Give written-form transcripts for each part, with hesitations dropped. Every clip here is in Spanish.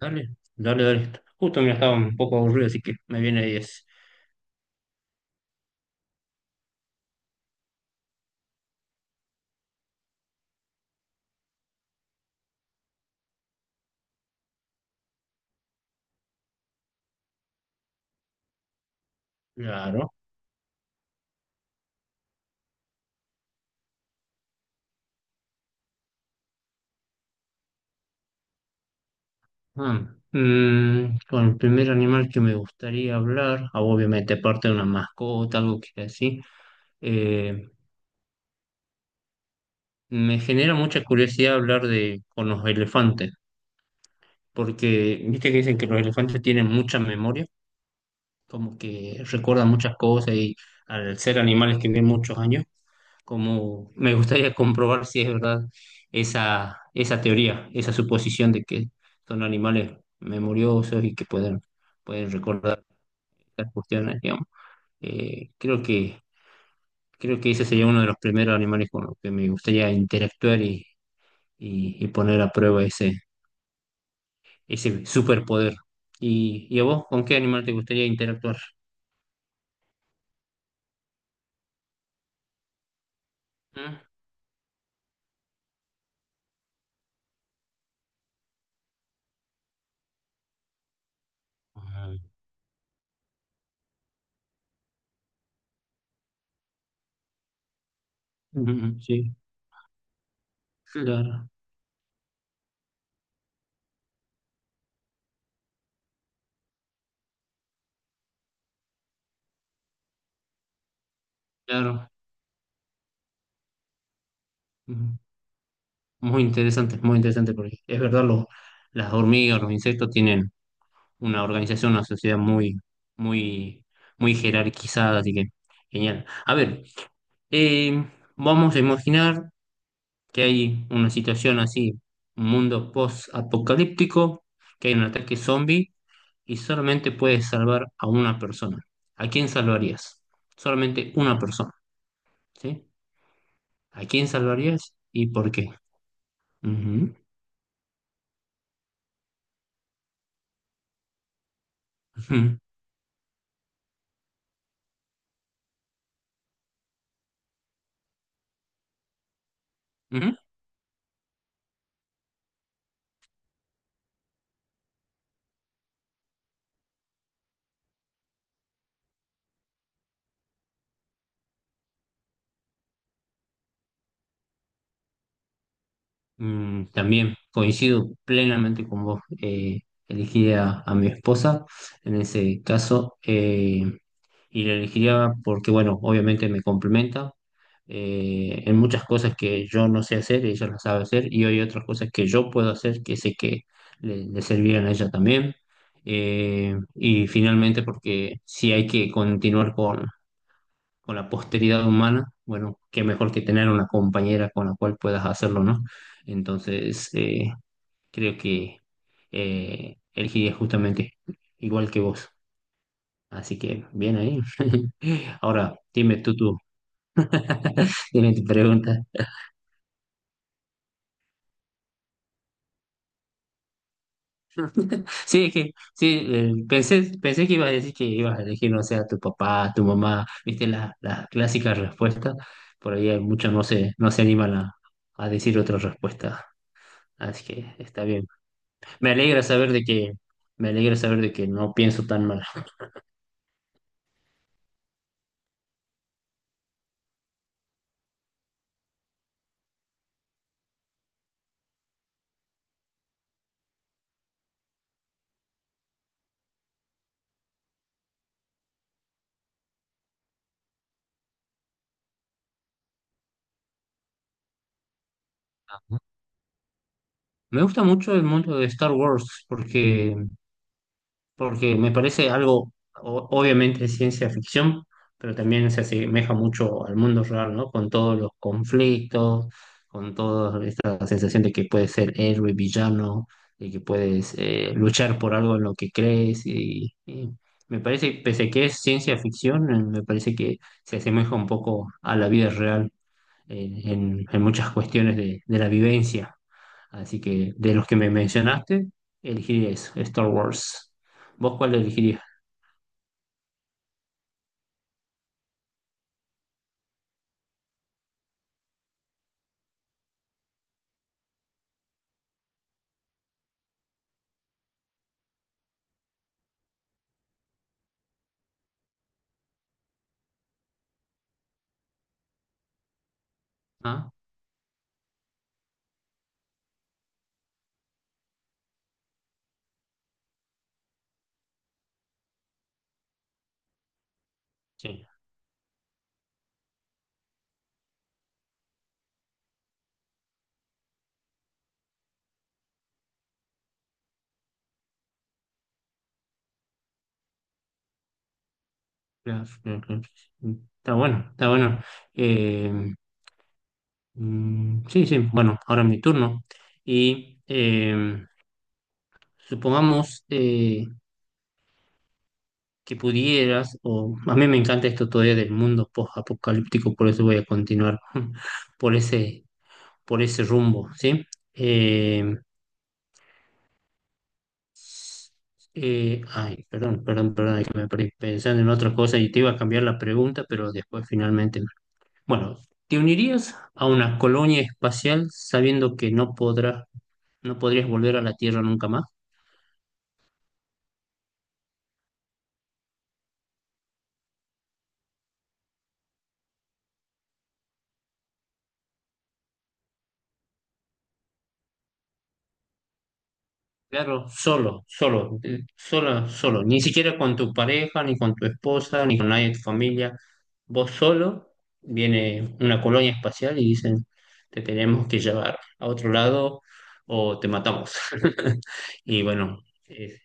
Dale, dale, dale. Justo me estaba un poco aburrido, así que me viene diez. Claro. Ah, con el primer animal que me gustaría hablar, obviamente parte de una mascota, algo que así, eh, me genera mucha curiosidad hablar de con los elefantes, porque viste que dicen que los elefantes tienen mucha memoria, como que recuerdan muchas cosas y al ser animales que viven muchos años, como me gustaría comprobar si es verdad esa teoría, esa suposición de que son animales memoriosos y que pueden recordar estas cuestiones, digamos. Eh, creo que, creo que ese sería uno de los primeros animales con los que me gustaría interactuar y poner a prueba ese superpoder. ¿Y a vos, ¿con qué animal te gustaría interactuar? ¿Mm? Ah, mm, sí, claro, claro. Ujú. Muy interesante, porque es verdad, los, las hormigas, los insectos tienen una organización, una sociedad muy, muy, muy jerarquizada, así que genial. A ver, eh, vamos a imaginar que hay una situación así, un mundo post-apocalíptico, que hay un ataque zombie y solamente puedes salvar a una persona. ¿A quién salvarías? Solamente una persona, ¿sí? ¿A quién salvarías y por qué? Ujú, ujú, ujú. También coincido plenamente con vos. Elegiría a mi esposa en ese caso, y la elegiría porque, bueno, obviamente me complementa, en muchas cosas que yo no sé hacer, ella las sabe hacer y hay otras cosas que yo puedo hacer que sé que le servirían a ella también. Y finalmente, porque si hay que continuar con la posteridad humana, bueno, qué mejor que tener una compañera con la cual puedas hacerlo, ¿no? Entonces, creo que, elegiría justamente igual que vos. Así que bien ahí. Ahora, dime tú, dime tu pregunta. Sí, es que sí, pensé que ibas a decir que ibas a elegir, no sé, a tu papá, a tu mamá, viste las clásicas respuestas. Por ahí hay muchos no se animan a decir otra respuesta. Así que está bien. Me alegra saber de que, me alegra saber de que no pienso tan mal. Me gusta mucho el mundo de Star Wars, porque me parece algo, obviamente es ciencia ficción, pero también se asemeja mucho al mundo real, ¿no? Con todos los conflictos, con toda esta sensación de que puedes ser héroe, villano, de que puedes, luchar por algo en lo que crees. Y me parece, pese que es ciencia ficción, me parece que se asemeja un poco a la vida real, en muchas cuestiones de la vivencia. Así que de los que me mencionaste, elegí eso, Star Wars. ¿Vos cuál elegirías? Ah, sí. Claro, claro, claro. Sí. Está bueno, está bueno. Eh, sí, sí, bueno, ahora es mi turno. Y, supongamos, que pudieras, o a mí me encanta esto todavía del mundo post-apocalíptico, por eso voy a continuar por ese, por ese rumbo, ¿sí? Eh, ay, perdón, perdón, perdón, es que me perdí pensando en otra cosa y te iba a cambiar la pregunta, pero después finalmente. Bueno, ¿te unirías a una colonia espacial sabiendo que no podrás, no podrías volver a la Tierra nunca más? Claro, solo, solo, solo, solo, ni siquiera con tu pareja, ni con tu esposa, ni con nadie de tu familia. Vos solo, viene una colonia espacial y dicen, te tenemos que llevar a otro lado o te matamos. Y bueno, es-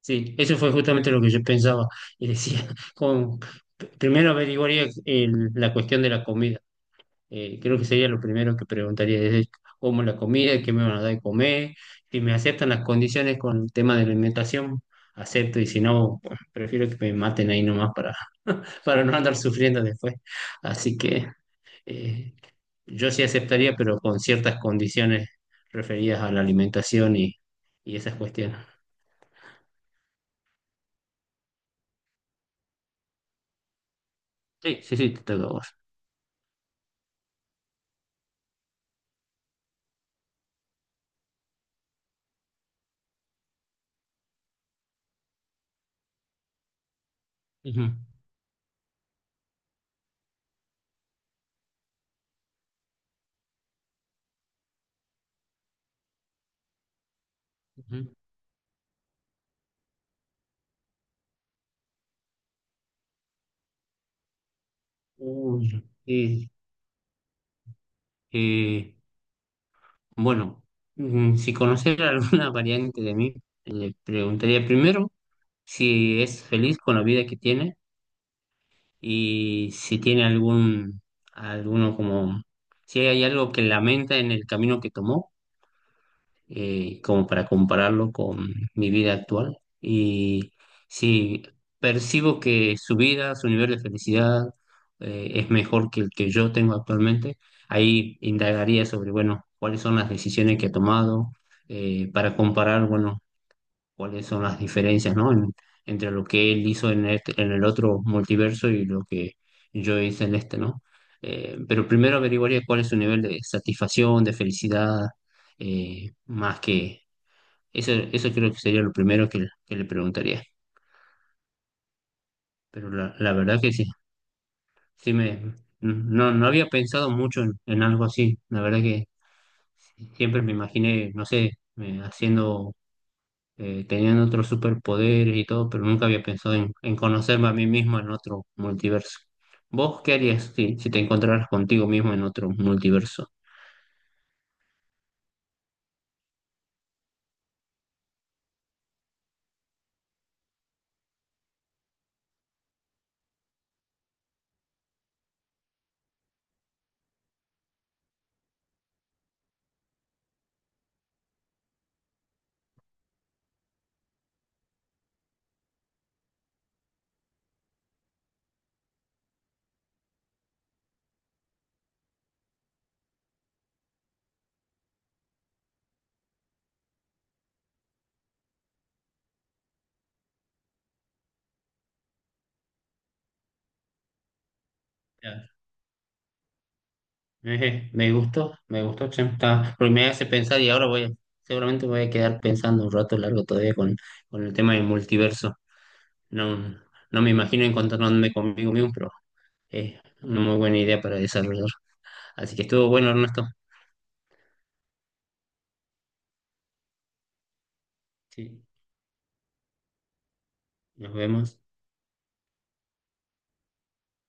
sí, eso fue justamente lo que yo pensaba y decía, como, primero averiguaría la cuestión de la comida. Creo que sería lo primero que preguntaría, desde cómo la comida, qué me van a dar de comer, si me aceptan las condiciones con el tema de la alimentación, acepto, y si no, bueno, prefiero que me maten ahí nomás para, para no andar sufriendo después. Así que, eh, yo sí aceptaría, pero con ciertas condiciones referidas a la alimentación y esas cuestiones. Sí, sí, sí, te toca a vos. Ujú. Ujú. Uy, eh, bueno, si conociera alguna variante de mí, le preguntaría primero si es feliz con la vida que tiene y si tiene algún, alguno como, si hay algo que lamenta en el camino que tomó, como para compararlo con mi vida actual. Y si percibo que su vida, su nivel de felicidad, es mejor que el que yo tengo actualmente, ahí indagaría sobre, bueno, cuáles son las decisiones que ha tomado, para comparar, bueno, cuáles son las diferencias, ¿no? Entre lo que él hizo en el otro multiverso y lo que yo hice en este, ¿no? Pero primero averiguaría cuál es su nivel de satisfacción, de felicidad, más que eso creo que sería lo primero que le preguntaría. Pero la verdad que sí, sí me, no, no había pensado mucho en algo así. La verdad que siempre me imaginé, no sé, haciendo, tenían otros superpoderes y todo, pero nunca había pensado en conocerme a mí mismo en otro multiverso. ¿Vos qué harías si, si te encontraras contigo mismo en otro multiverso? Ya. Ejé, me gustó, che, está-, porque me hace pensar y ahora voy a, seguramente voy a quedar pensando un rato largo todavía con el tema del multiverso. No, no me imagino encontrándome conmigo mismo, pero es una muy buena idea para desarrollar. Así que estuvo bueno, Ernesto. Sí, nos vemos.